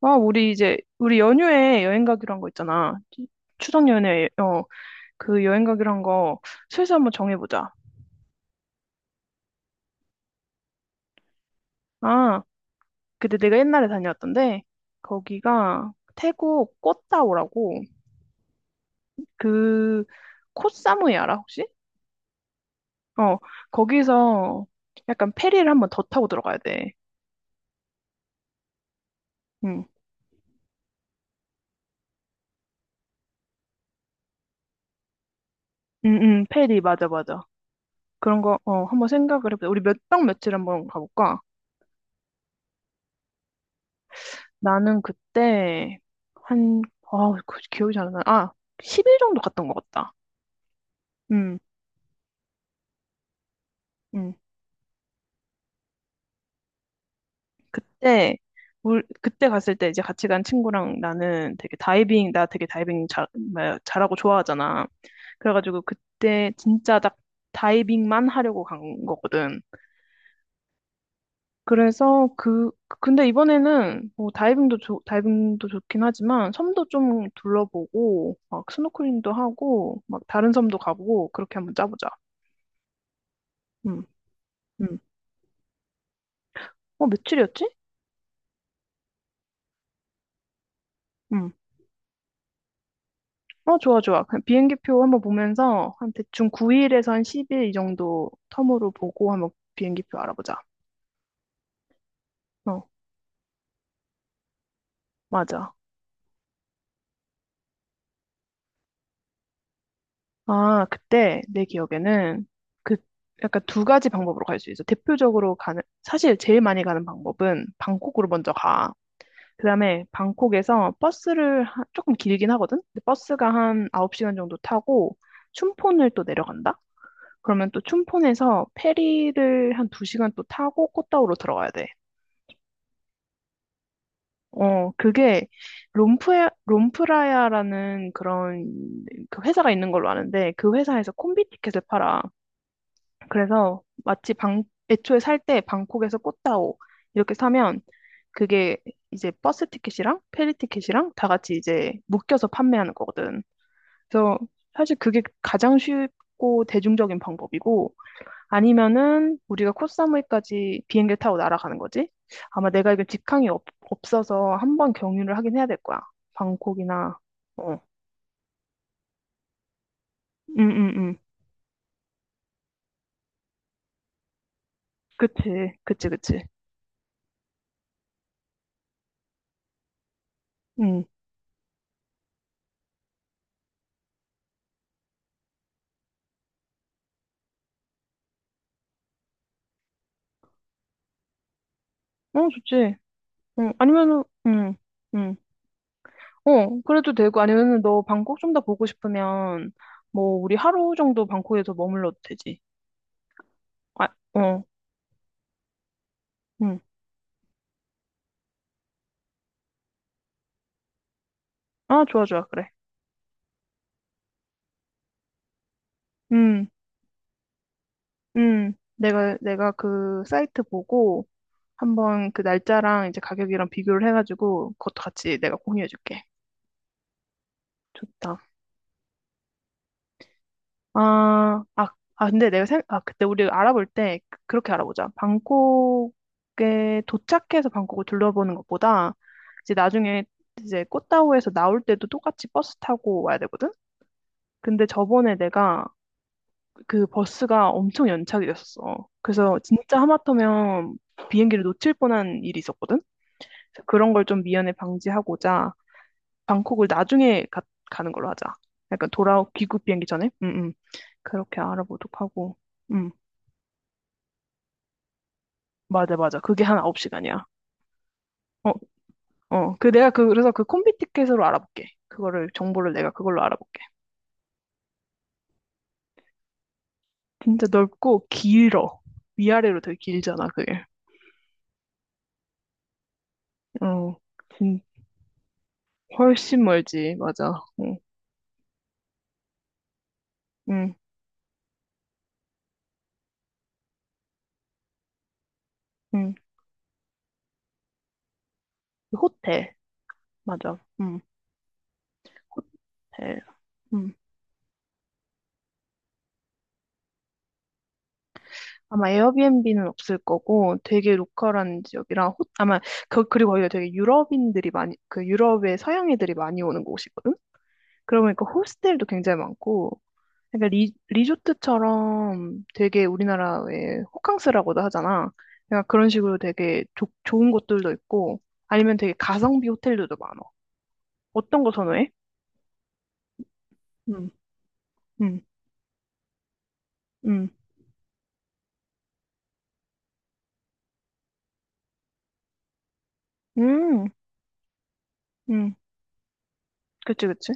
아, 우리 연휴에 여행 가기로 한 거 있잖아. 추석 연휴에, 그 여행 가기로 한 거 슬슬 한번 정해보자. 아, 근데 내가 옛날에 다녀왔던데, 거기가 태국 꽃다오라고, 그, 코사무이 알아, 혹시? 어, 거기서 약간 페리를 한번 더 타고 들어가야 돼. 응, 응, 응, 페리, 맞아, 맞아. 그런 거, 한번 생각을 해보자. 우리 몇 박 며칠 한번 가볼까? 나는 그때 한, 그 기억이 잘 안 나. 아, 10일 정도 갔던 것 같다. 음, 음. 그때, 그때 갔을 때 이제 같이 간 친구랑 나 되게 다이빙 잘, 뭐야, 잘하고 좋아하잖아. 그래가지고 그때 진짜 딱 다이빙만 하려고 간 거거든. 그래서 근데 이번에는 뭐 다이빙도 좋긴 하지만 섬도 좀 둘러보고 막 스노클링도 하고 막 다른 섬도 가보고 그렇게 한번 짜보자. 음. 음. 어, 며칠이었지? 음. 어, 좋아, 좋아. 그냥 비행기표 한번 보면서 한 대충 9일에서 한 10일 이 정도 텀으로 보고 한번 비행기표 알아보자. 어, 맞아. 아, 그때 내 기억에는 그 약간 두 가지 방법으로 갈 수 있어. 사실 제일 많이 가는 방법은 방콕으로 먼저 가. 그다음에 방콕에서 버스를 조금 길긴 하거든? 근데 버스가 한 9시간 정도 타고 춘폰을 또 내려간다? 그러면 또 춘폰에서 페리를 한 2시간 또 타고 꽃다우로 들어가야 돼. 어, 그게 롬프라야라는 그런 그 회사가 있는 걸로 아는데 그 회사에서 콤비 티켓을 팔아. 그래서 애초에 살 때 방콕에서 꽃다오 이렇게 사면 그게 이제 버스 티켓이랑 페리 티켓이랑 다 같이 이제 묶여서 판매하는 거거든. 그래서 사실 그게 가장 쉽고 대중적인 방법이고 아니면은 우리가 코사무이까지 비행기를 타고 날아가는 거지? 아마 내가 이거 없어서 한번 경유를 하긴 해야 될 거야. 방콕이나, 어. 응, 응, 응. 그치, 그치, 그치. 응. 어, 좋지. 응. 아니면은, 응, 응. 어, 그래도 되고, 아니면은 너 방콕 좀 더 보고 싶으면, 뭐, 우리 하루 정도 방콕에서 머물러도 되지. 아, 어, 응. 아, 좋아, 좋아, 그래. 응, 응. 내가 그 사이트 보고, 한번 그 날짜랑 이제 가격이랑 비교를 해가지고 그것도 같이 내가 공유해줄게. 좋다. 아, 아, 근데 내가 생, 아 그때 우리 알아볼 때 그렇게 알아보자. 방콕에 도착해서 방콕을 둘러보는 것보다 이제 나중에 이제 꽃다오에서 나올 때도 똑같이 버스 타고 와야 되거든. 근데 저번에 내가 그 버스가 엄청 연착이 됐었어. 그래서 진짜 하마터면 비행기를 놓칠 뻔한 일이 있었거든. 그래서 그런 걸 좀 미연에 방지하고자 방콕을 나중에 가는 걸로 하자. 약간 돌아 귀국 비행기 전에. 응, 응. 그렇게 알아보도록 하고. 응. 맞아, 맞아. 그게 한 9시간이야. 어, 어. 내가 그래서 그 콤비 티켓으로 알아볼게. 그거를 정보를 내가 그걸로 알아볼게. 진짜 넓고 길어. 위아래로 되게 길잖아, 그게. 어. 진 훨씬 멀지. 맞아. 응. 응. 응. 호텔. 맞아. 응. 호텔. 응. 아마 에어비앤비는 없을 거고 되게 로컬한 지역이랑 아마 그리고 거기가 되게 유럽인들이 많이 그 유럽의 서양인들이 많이 오는 곳이거든. 그러고 보니까 호스텔도 굉장히 많고 그러니까 리조트처럼 되게 우리나라의 호캉스라고도 하잖아. 그러니까 그런 식으로 되게 좋은 곳들도 있고 아니면 되게 가성비 호텔들도 많아. 어떤 거 선호해? 음. 음, 음, 음, 음. 그치, 그치.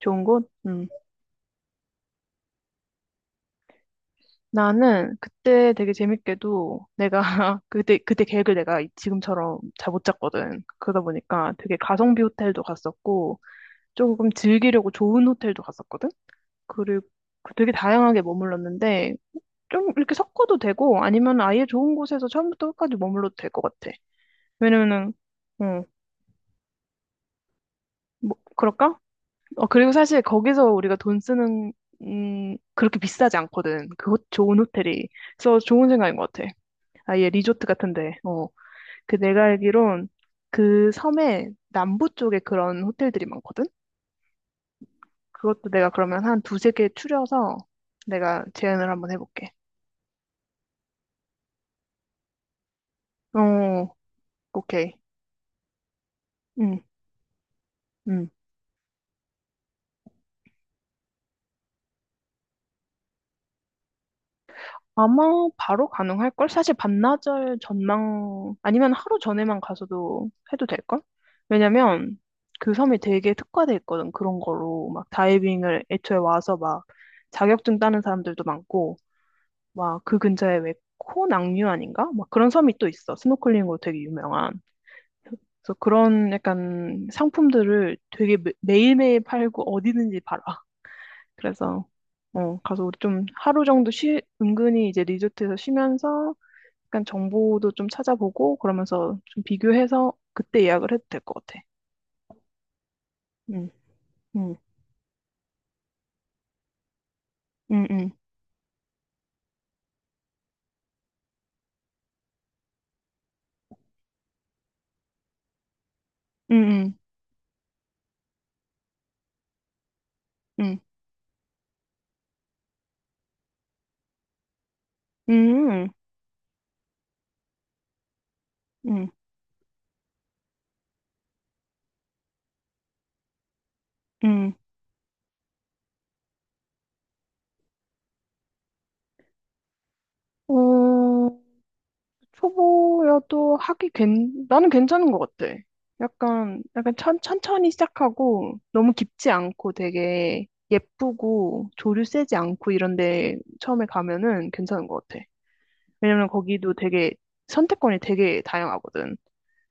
좋은 곳? 음. 나는 그때 되게 재밌게도 내가 그때 계획을 내가 지금처럼 잘 못 짰거든. 그러다 보니까 되게 가성비 호텔도 갔었고 조금 즐기려고 좋은 호텔도 갔었거든. 그리고 그 되게 다양하게 머물렀는데 좀 이렇게 섞어도 되고 아니면 아예 좋은 곳에서 처음부터 끝까지 머물러도 될 것 같아. 왜냐면은 어, 뭐 그럴까? 어 그리고 사실 거기서 우리가 돈 쓰는 그렇게 비싸지 않거든. 그 좋은 호텔이. 그래서 좋은 생각인 것 같아. 아예 리조트 같은데. 어. 그 내가 알기론 그 섬에 남부 쪽에 그런 호텔들이 많거든? 그것도 내가 그러면 한 두세 개 추려서 내가 제안을 한번 해볼게. 어, 오케이. 응, 응. 아마 바로 가능할걸? 사실 반나절 아니면 하루 전에만 가서도 해도 될걸? 왜냐면 그 섬이 되게 특화돼 있거든, 그런 거로. 막 다이빙을 애초에 와서 막 자격증 따는 사람들도 많고, 막 그 근처에 왜 코낭류 아닌가? 막 그런 섬이 또 있어. 스노클링으로 되게 유명한. 그래서 그런 약간 상품들을 되게 매일매일 팔고 어디든지 팔아. 그래서 가서 우리 좀 하루 정도 은근히 이제 리조트에서 쉬면서 약간 정보도 좀 찾아보고 그러면서 좀 비교해서 그때 예약을 해도 될 것 같아. 응, 응, 응, 응, 응, 응, 응, 응, 응, 응. 응. 어, 초보여도 나는 괜찮은 것 같아. 약간 천천히 시작하고 너무 깊지 않고 되게 예쁘고 조류 세지 않고 이런데 처음에 가면은 괜찮은 것 같아. 왜냐면 거기도 되게 선택권이 되게 다양하거든.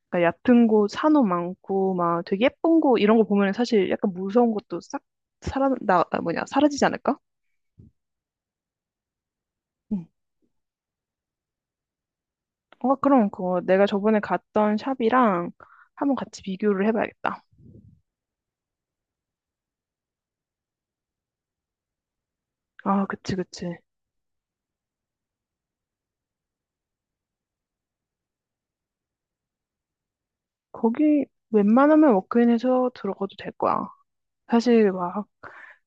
그러니까 얕은 곳, 산호 많고 막 되게 예쁜 곳 이런 거 보면 사실 약간 무서운 것도 싹 사라, 나, 아, 뭐냐, 사라지지 않을까? 응. 어, 그럼 그거 내가 저번에 갔던 샵이랑 한번 같이 비교를 해봐야겠다. 아, 그치, 그치. 거기 웬만하면 워크인에서 들어가도 될 거야. 사실 막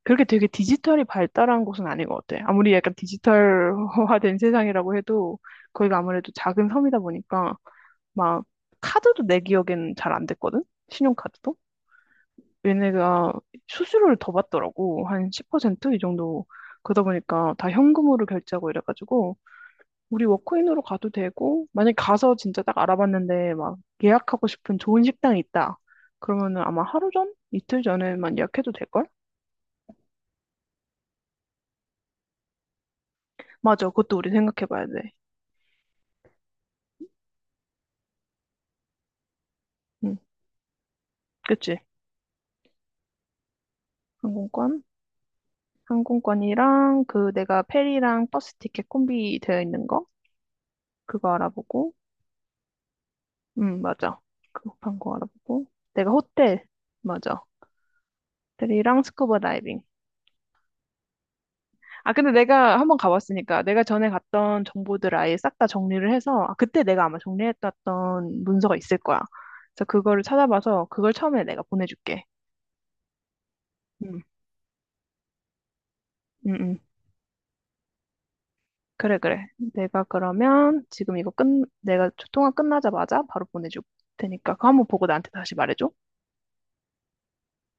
그렇게 되게 디지털이 발달한 곳은 아닌 것 같아. 아무리 약간 디지털화된 세상이라고 해도 거기가 아무래도 작은 섬이다 보니까 막 카드도 내 기억엔 잘 안 됐거든? 신용카드도? 얘네가 수수료를 더 받더라고. 한 10%이 정도. 그러다 보니까 다 현금으로 결제하고 이래가지고 우리 워크인으로 가도 되고, 만약에 가서 진짜 딱 알아봤는데 막 예약하고 싶은 좋은 식당이 있다. 그러면은 아마 하루 전? 이틀 전에만 예약해도 될걸? 맞아. 그것도 우리 생각해봐야 돼. 응. 그치? 항공권? 항공권이랑 그 내가 페리랑 버스 티켓 콤비 되어 있는 거? 그거 알아보고. 응, 맞아. 그거 판거 알아보고. 내가 호텔. 맞아. 호텔이랑 스쿠버 다이빙. 아, 근데 내가 한번 가봤으니까 내가 전에 갔던 정보들 아예 싹 다 정리를 해서 아, 그때 내가 아마 정리했던 문서가 있을 거야. 그래서 그거를 찾아봐서 그걸 처음에 내가 보내줄게. 응, 응, 응. 그래, 그래. 내가 그러면 지금 이거 끝, 내가 통화 끝나자마자 바로 보내줄 테니까 그거 한번 보고 나한테 다시 말해줘.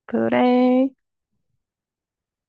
그래.